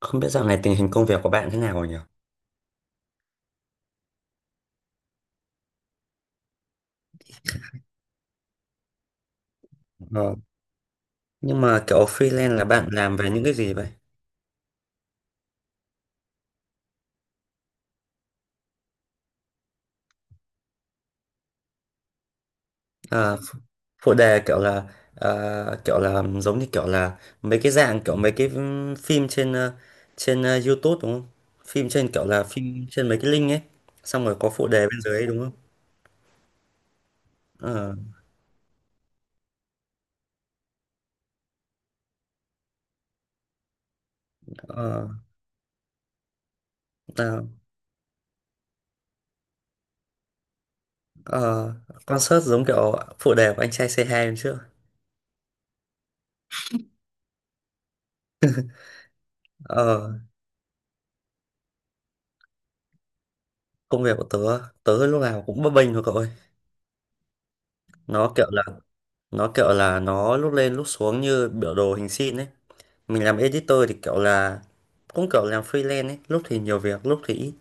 Không biết dạo này tình hình công việc của bạn thế nào rồi nhỉ? Ờ, nhưng mà kiểu freelance là bạn làm về những cái gì vậy? À, phụ đề kiểu là kiểu là giống như kiểu là mấy cái dạng kiểu mấy cái phim trên trên YouTube đúng không? Phim trên kiểu là phim trên mấy cái link ấy. Xong rồi có phụ đề bên dưới ấy, đúng không? Ờ, ờ, à, ờ, concert giống kiểu phụ đề của anh trai C2 hôm trước. Ờ, công việc của tớ, tớ lúc nào cũng bấp bênh thôi cậu ơi. Nó kiểu là nó kiểu là nó lúc lên lúc xuống như biểu đồ hình sin ấy. Mình làm editor thì kiểu là cũng kiểu làm freelance ấy, lúc thì nhiều việc lúc thì ít.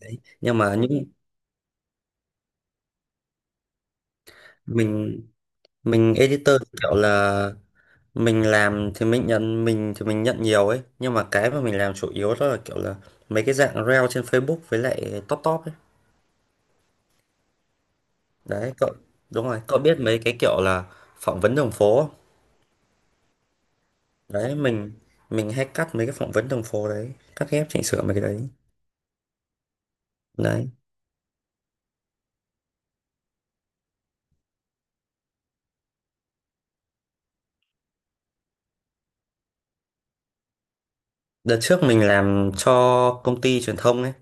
Đấy nhưng mà những mình mình editor thì kiểu là mình làm thì mình nhận mình nhận nhiều ấy, nhưng mà cái mà mình làm chủ yếu đó là kiểu là mấy cái dạng reel trên Facebook với lại top top ấy, đấy cậu. Đúng rồi cậu biết mấy cái kiểu là phỏng vấn đường phố không? Đấy mình hay cắt mấy cái phỏng vấn đường phố đấy, cắt ghép chỉnh sửa mấy cái đấy, đấy. Đợt trước mình làm cho công ty truyền thông ấy.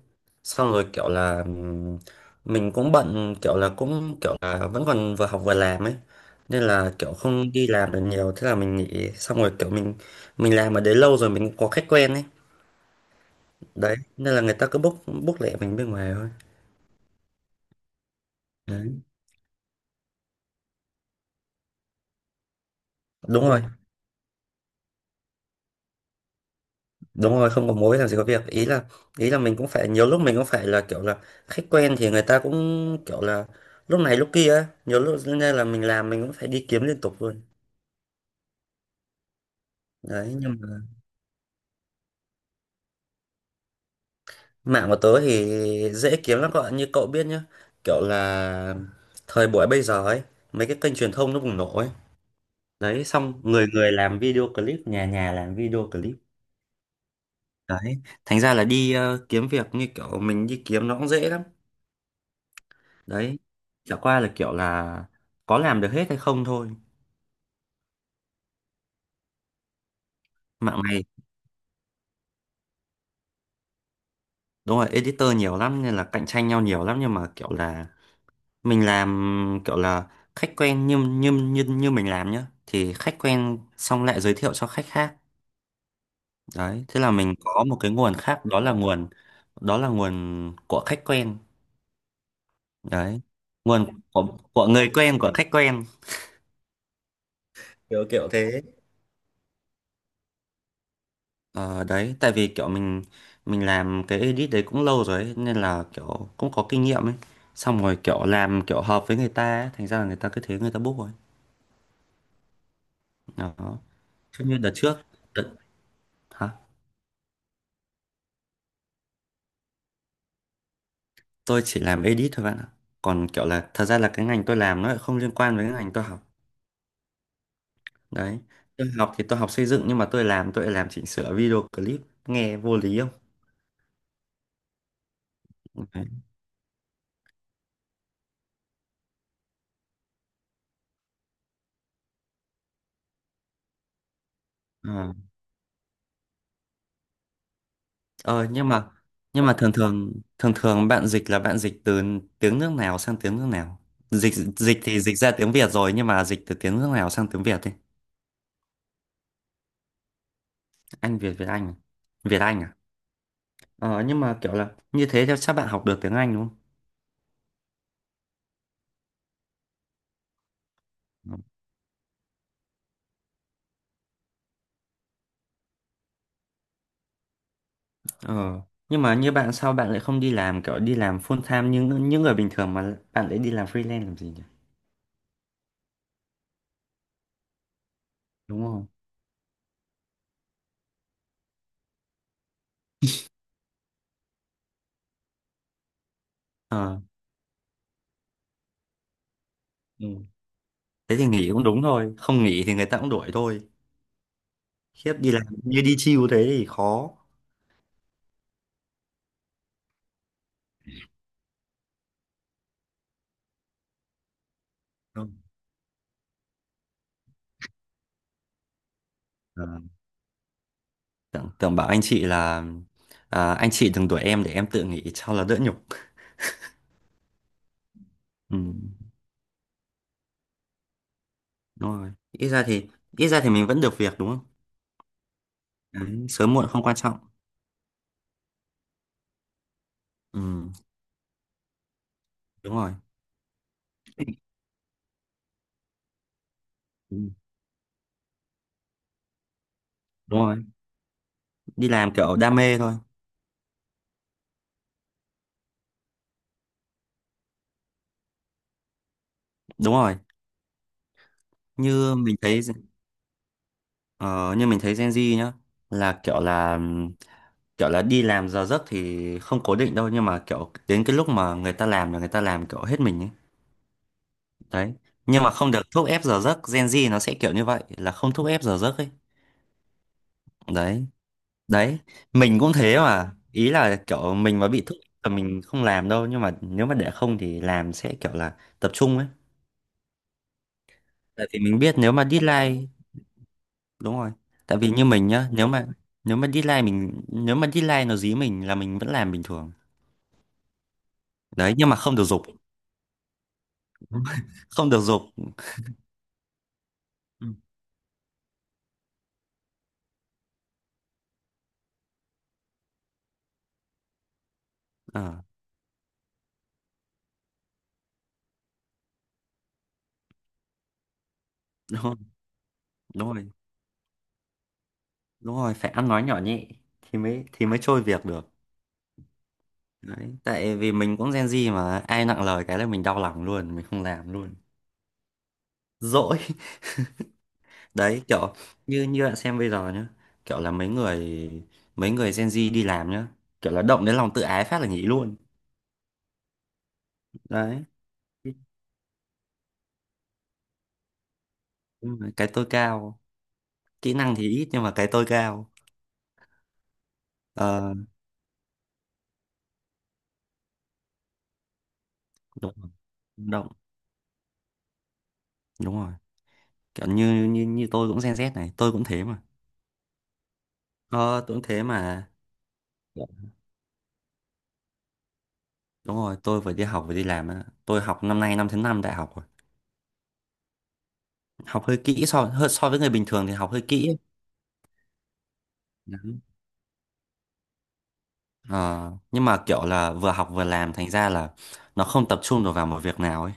Xong rồi kiểu là mình cũng bận kiểu là cũng kiểu là vẫn còn vừa học vừa làm ấy. Nên là kiểu không đi làm được nhiều. Thế là mình nghỉ. Xong rồi kiểu mình làm ở đấy lâu rồi mình cũng có khách quen ấy. Đấy nên là người ta cứ book book lẹ mình bên ngoài thôi. Đấy. Đúng rồi. Đúng rồi, không có mối làm gì có việc. Ý là, ý là mình cũng phải nhiều lúc mình cũng phải là kiểu là khách quen thì người ta cũng kiểu là lúc này lúc kia ấy. Nhiều lúc nên là mình làm mình cũng phải đi kiếm liên tục luôn. Đấy, nhưng mà mạng của tớ thì dễ kiếm lắm các bạn. Như cậu biết nhá, kiểu là thời buổi bây giờ ấy, mấy cái kênh truyền thông nó bùng nổ ấy. Đấy, xong người người làm video clip, nhà nhà làm video clip. Đấy, thành ra là đi kiếm việc như kiểu mình đi kiếm nó cũng dễ lắm. Đấy, chả qua là kiểu là có làm được hết hay không thôi. Mạng này, đúng rồi, editor nhiều lắm nên là cạnh tranh nhau nhiều lắm nhưng mà kiểu là mình làm kiểu là khách quen như như như như mình làm nhá thì khách quen xong lại giới thiệu cho khách khác, đấy thế là mình có một cái nguồn khác, đó là nguồn, đó là nguồn của khách quen. Đấy, nguồn của người quen của khách quen, kiểu kiểu thế. Ờ, đấy tại vì kiểu mình làm cái edit đấy cũng lâu rồi ấy, nên là kiểu cũng có kinh nghiệm ấy, xong rồi kiểu làm kiểu hợp với người ta ấy, thành ra là người ta cứ thế người ta book rồi, đó. Chứ như đợt trước, đợt, hả? Tôi chỉ làm edit thôi bạn ạ, còn kiểu là thật ra là cái ngành tôi làm nó lại không liên quan với cái ngành tôi học, đấy. Tôi học thì tôi học xây dựng nhưng mà tôi làm tôi lại làm chỉnh sửa video clip, nghe vô lý không? Đấy. Ờ Ờ, nhưng mà thường thường, thường thường bạn dịch là bạn dịch từ tiếng nước nào sang tiếng nước nào, dịch, dịch thì dịch ra tiếng Việt rồi nhưng mà dịch từ tiếng nước nào sang tiếng Việt đi. Anh Việt Việt Anh à? Việt Anh à. Ờ nhưng mà kiểu là như thế thì chắc bạn học được tiếng Anh đúng không. Ờ. Nhưng mà như bạn sao bạn lại không đi làm kiểu đi làm full time như những người bình thường mà bạn lại đi làm freelance làm gì nhỉ? Đúng không? Ờ. Ừ. Thế thì nghỉ cũng đúng thôi, không nghỉ thì người ta cũng đuổi thôi. Khiếp đi làm như đi chill thế thì khó. Đúng. Ờ. Tưởng, tưởng bảo anh chị là à, anh chị đừng đuổi em để em tự nghỉ cho là đỡ nhục. Ừ. Đúng rồi. Ít ra thì, ít ra thì mình vẫn được việc đúng không? Đấy, sớm muộn không quan trọng. Ừ. Đúng rồi. Ừ. Đúng rồi. Đi làm kiểu đam mê thôi. Đúng rồi. Như mình thấy, ờ, như mình thấy Gen Z nhá, là kiểu là, kiểu là đi làm giờ giấc thì không cố định đâu nhưng mà kiểu đến cái lúc mà người ta làm là người ta làm kiểu hết mình ấy, đấy. Nhưng mà không được thúc ép giờ giấc, Gen Z nó sẽ kiểu như vậy, là không thúc ép giờ giấc ấy, đấy, đấy. Mình cũng thế mà, ý là kiểu mình mà bị thúc ép là mình không làm đâu nhưng mà nếu mà để không thì làm sẽ kiểu là tập trung ấy. Tại vì mình biết nếu mà deadline, đúng rồi, tại vì như mình nhá, nếu mà, nếu mà deadline mình nếu mà deadline nó dí mình là mình vẫn làm bình thường, đấy. Nhưng mà không được dục, không được dục. Ừ. Ờ, đúng rồi, đúng rồi, đúng rồi, phải ăn nói nhỏ nhẹ thì mới, thì mới trôi việc được. Đấy tại vì mình cũng Gen Z mà ai nặng lời cái là mình đau lòng luôn, mình không làm luôn, dỗi. Đấy, kiểu như, như bạn xem bây giờ nhá, kiểu là mấy người Gen Z đi làm nhá, kiểu là động đến lòng tự ái phát là nghỉ luôn, đấy. Nhưng mà cái tôi cao, kỹ năng thì ít nhưng mà cái tôi cao. Ờ đúng rồi, động, đúng rồi, kiểu như như như tôi cũng Gen Z này, tôi cũng thế mà. Ờ, tôi cũng thế mà. Dạ. Đúng rồi tôi vừa đi học vừa đi làm á. Tôi học năm nay năm thứ năm đại học rồi, học hơi kỹ, so hơi so với người bình thường thì học hơi kỹ ấy. Đấy. Ờ, nhưng mà kiểu là vừa học vừa làm thành ra là nó không tập trung được vào một việc nào ấy,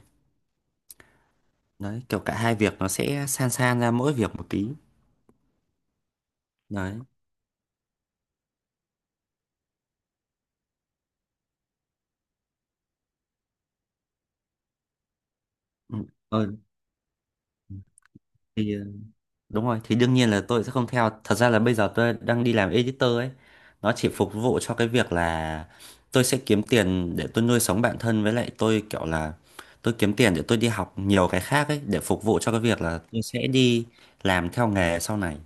đấy kiểu cả hai việc nó sẽ san san ra mỗi việc một tí, đấy. Ừ. Ờ, thì, đúng rồi, thì đương nhiên là tôi sẽ không theo. Thật ra là bây giờ tôi đang đi làm editor ấy. Nó chỉ phục vụ cho cái việc là tôi sẽ kiếm tiền để tôi nuôi sống bản thân với lại tôi kiểu là, tôi kiếm tiền để tôi đi học nhiều cái khác ấy để phục vụ cho cái việc là tôi sẽ đi làm theo nghề sau này.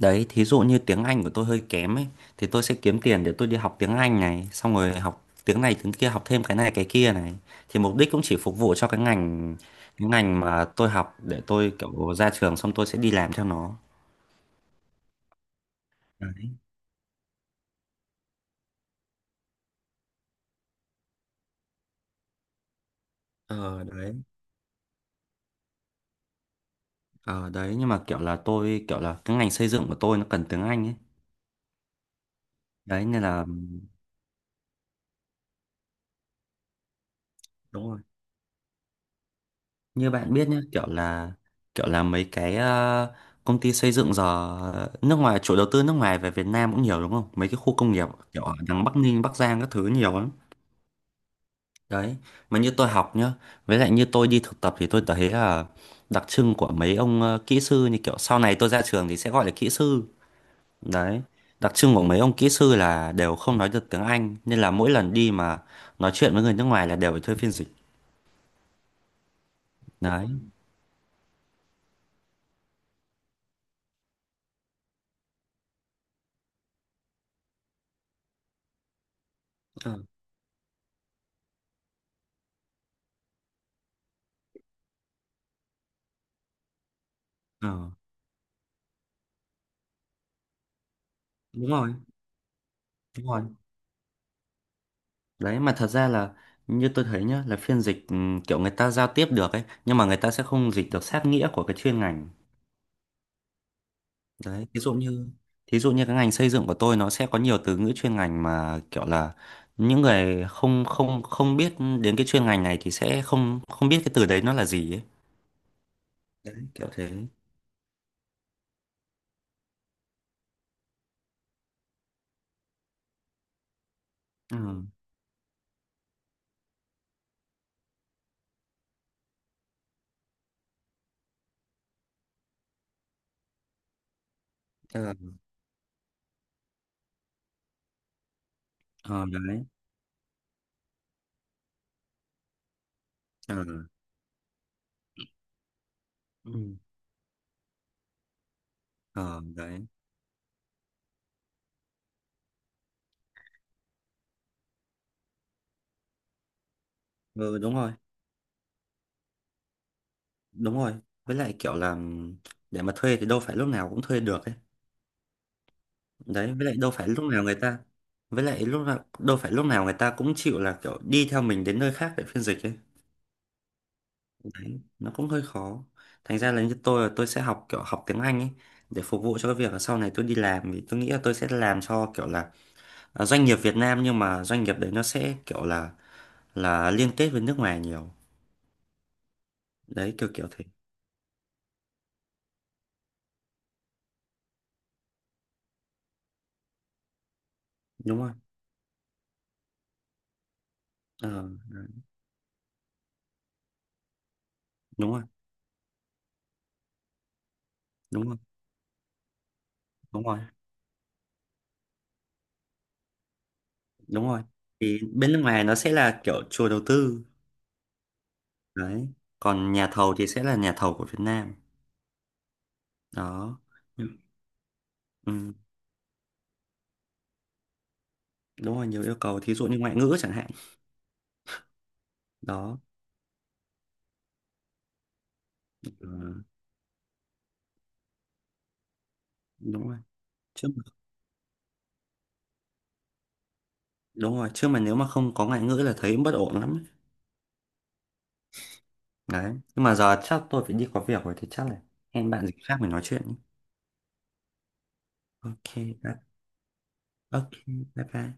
Đấy, thí dụ như tiếng Anh của tôi hơi kém ấy thì tôi sẽ kiếm tiền để tôi đi học tiếng Anh này, xong rồi học tiếng này tiếng kia, học thêm cái này cái kia này. Thì mục đích cũng chỉ phục vụ cho cái ngành, cái ngành mà tôi học để tôi kiểu ra trường xong tôi sẽ đi làm theo nó. Đấy. Ờ đấy, ờ đấy nhưng mà kiểu là tôi kiểu là cái ngành xây dựng của tôi nó cần tiếng Anh ấy. Đấy nên là đúng rồi. Như bạn biết nhá, kiểu là, kiểu là mấy cái công ty xây dựng giờ, nước ngoài, chủ đầu tư nước ngoài về Việt Nam cũng nhiều đúng không, mấy cái khu công nghiệp kiểu ở đằng Bắc Ninh Bắc Giang các thứ nhiều lắm, đấy. Mà như tôi học nhá, với lại như tôi đi thực tập thì tôi thấy là đặc trưng của mấy ông kỹ sư, như kiểu sau này tôi ra trường thì sẽ gọi là kỹ sư, đấy. Đặc trưng của mấy ông kỹ sư là đều không nói được tiếng Anh nên là mỗi lần đi mà nói chuyện với người nước ngoài là đều phải thuê phiên dịch, đấy. Ờ. Ờ, đúng rồi, đúng rồi. Đấy mà thật ra là như tôi thấy nhá, là phiên dịch kiểu người ta giao tiếp được ấy nhưng mà người ta sẽ không dịch được sát nghĩa của cái chuyên ngành. Đấy, thí dụ như, thí dụ như cái ngành xây dựng của tôi nó sẽ có nhiều từ ngữ chuyên ngành mà kiểu là những người không không không biết đến cái chuyên ngành này thì sẽ không không biết cái từ đấy nó là gì ấy. Đấy, kiểu thế. Ừ. Ờ, ờ, đấy. Ờ. Ừ. Ờ, đấy. Ừ, đúng rồi. Đúng rồi. Với lại kiểu là để mà thuê thì đâu phải lúc nào cũng thuê được ấy. Đấy với lại đâu phải lúc nào người ta, với lại lúc nào đâu phải lúc nào người ta cũng chịu là kiểu đi theo mình đến nơi khác để phiên dịch ấy, đấy nó cũng hơi khó. Thành ra là như tôi là tôi sẽ học kiểu học tiếng Anh ấy để phục vụ cho cái việc là sau này tôi đi làm, vì tôi nghĩ là tôi sẽ làm cho kiểu là à, doanh nghiệp Việt Nam nhưng mà doanh nghiệp đấy nó sẽ kiểu là liên kết với nước ngoài nhiều, đấy kiểu kiểu thế. Đúng rồi. Ờ, đúng rồi, đúng rồi, đúng rồi, đúng rồi. Thì bên nước ngoài nó sẽ là kiểu chùa đầu tư, đấy. Còn nhà thầu thì sẽ là nhà thầu của Việt Nam, đó. Ừ, ừ, đúng rồi nhiều yêu cầu thí dụ như ngoại ngữ chẳng hạn, đó. Ừ, đúng rồi chứ mà, đúng rồi chứ mà nếu mà không có ngoại ngữ là thấy bất ổn lắm, đấy. Đấy. Nhưng mà giờ chắc tôi phải đi có việc rồi thì chắc là hẹn bạn dịp khác mình nói chuyện nhé. Ok. Bye- ok. Bye bye.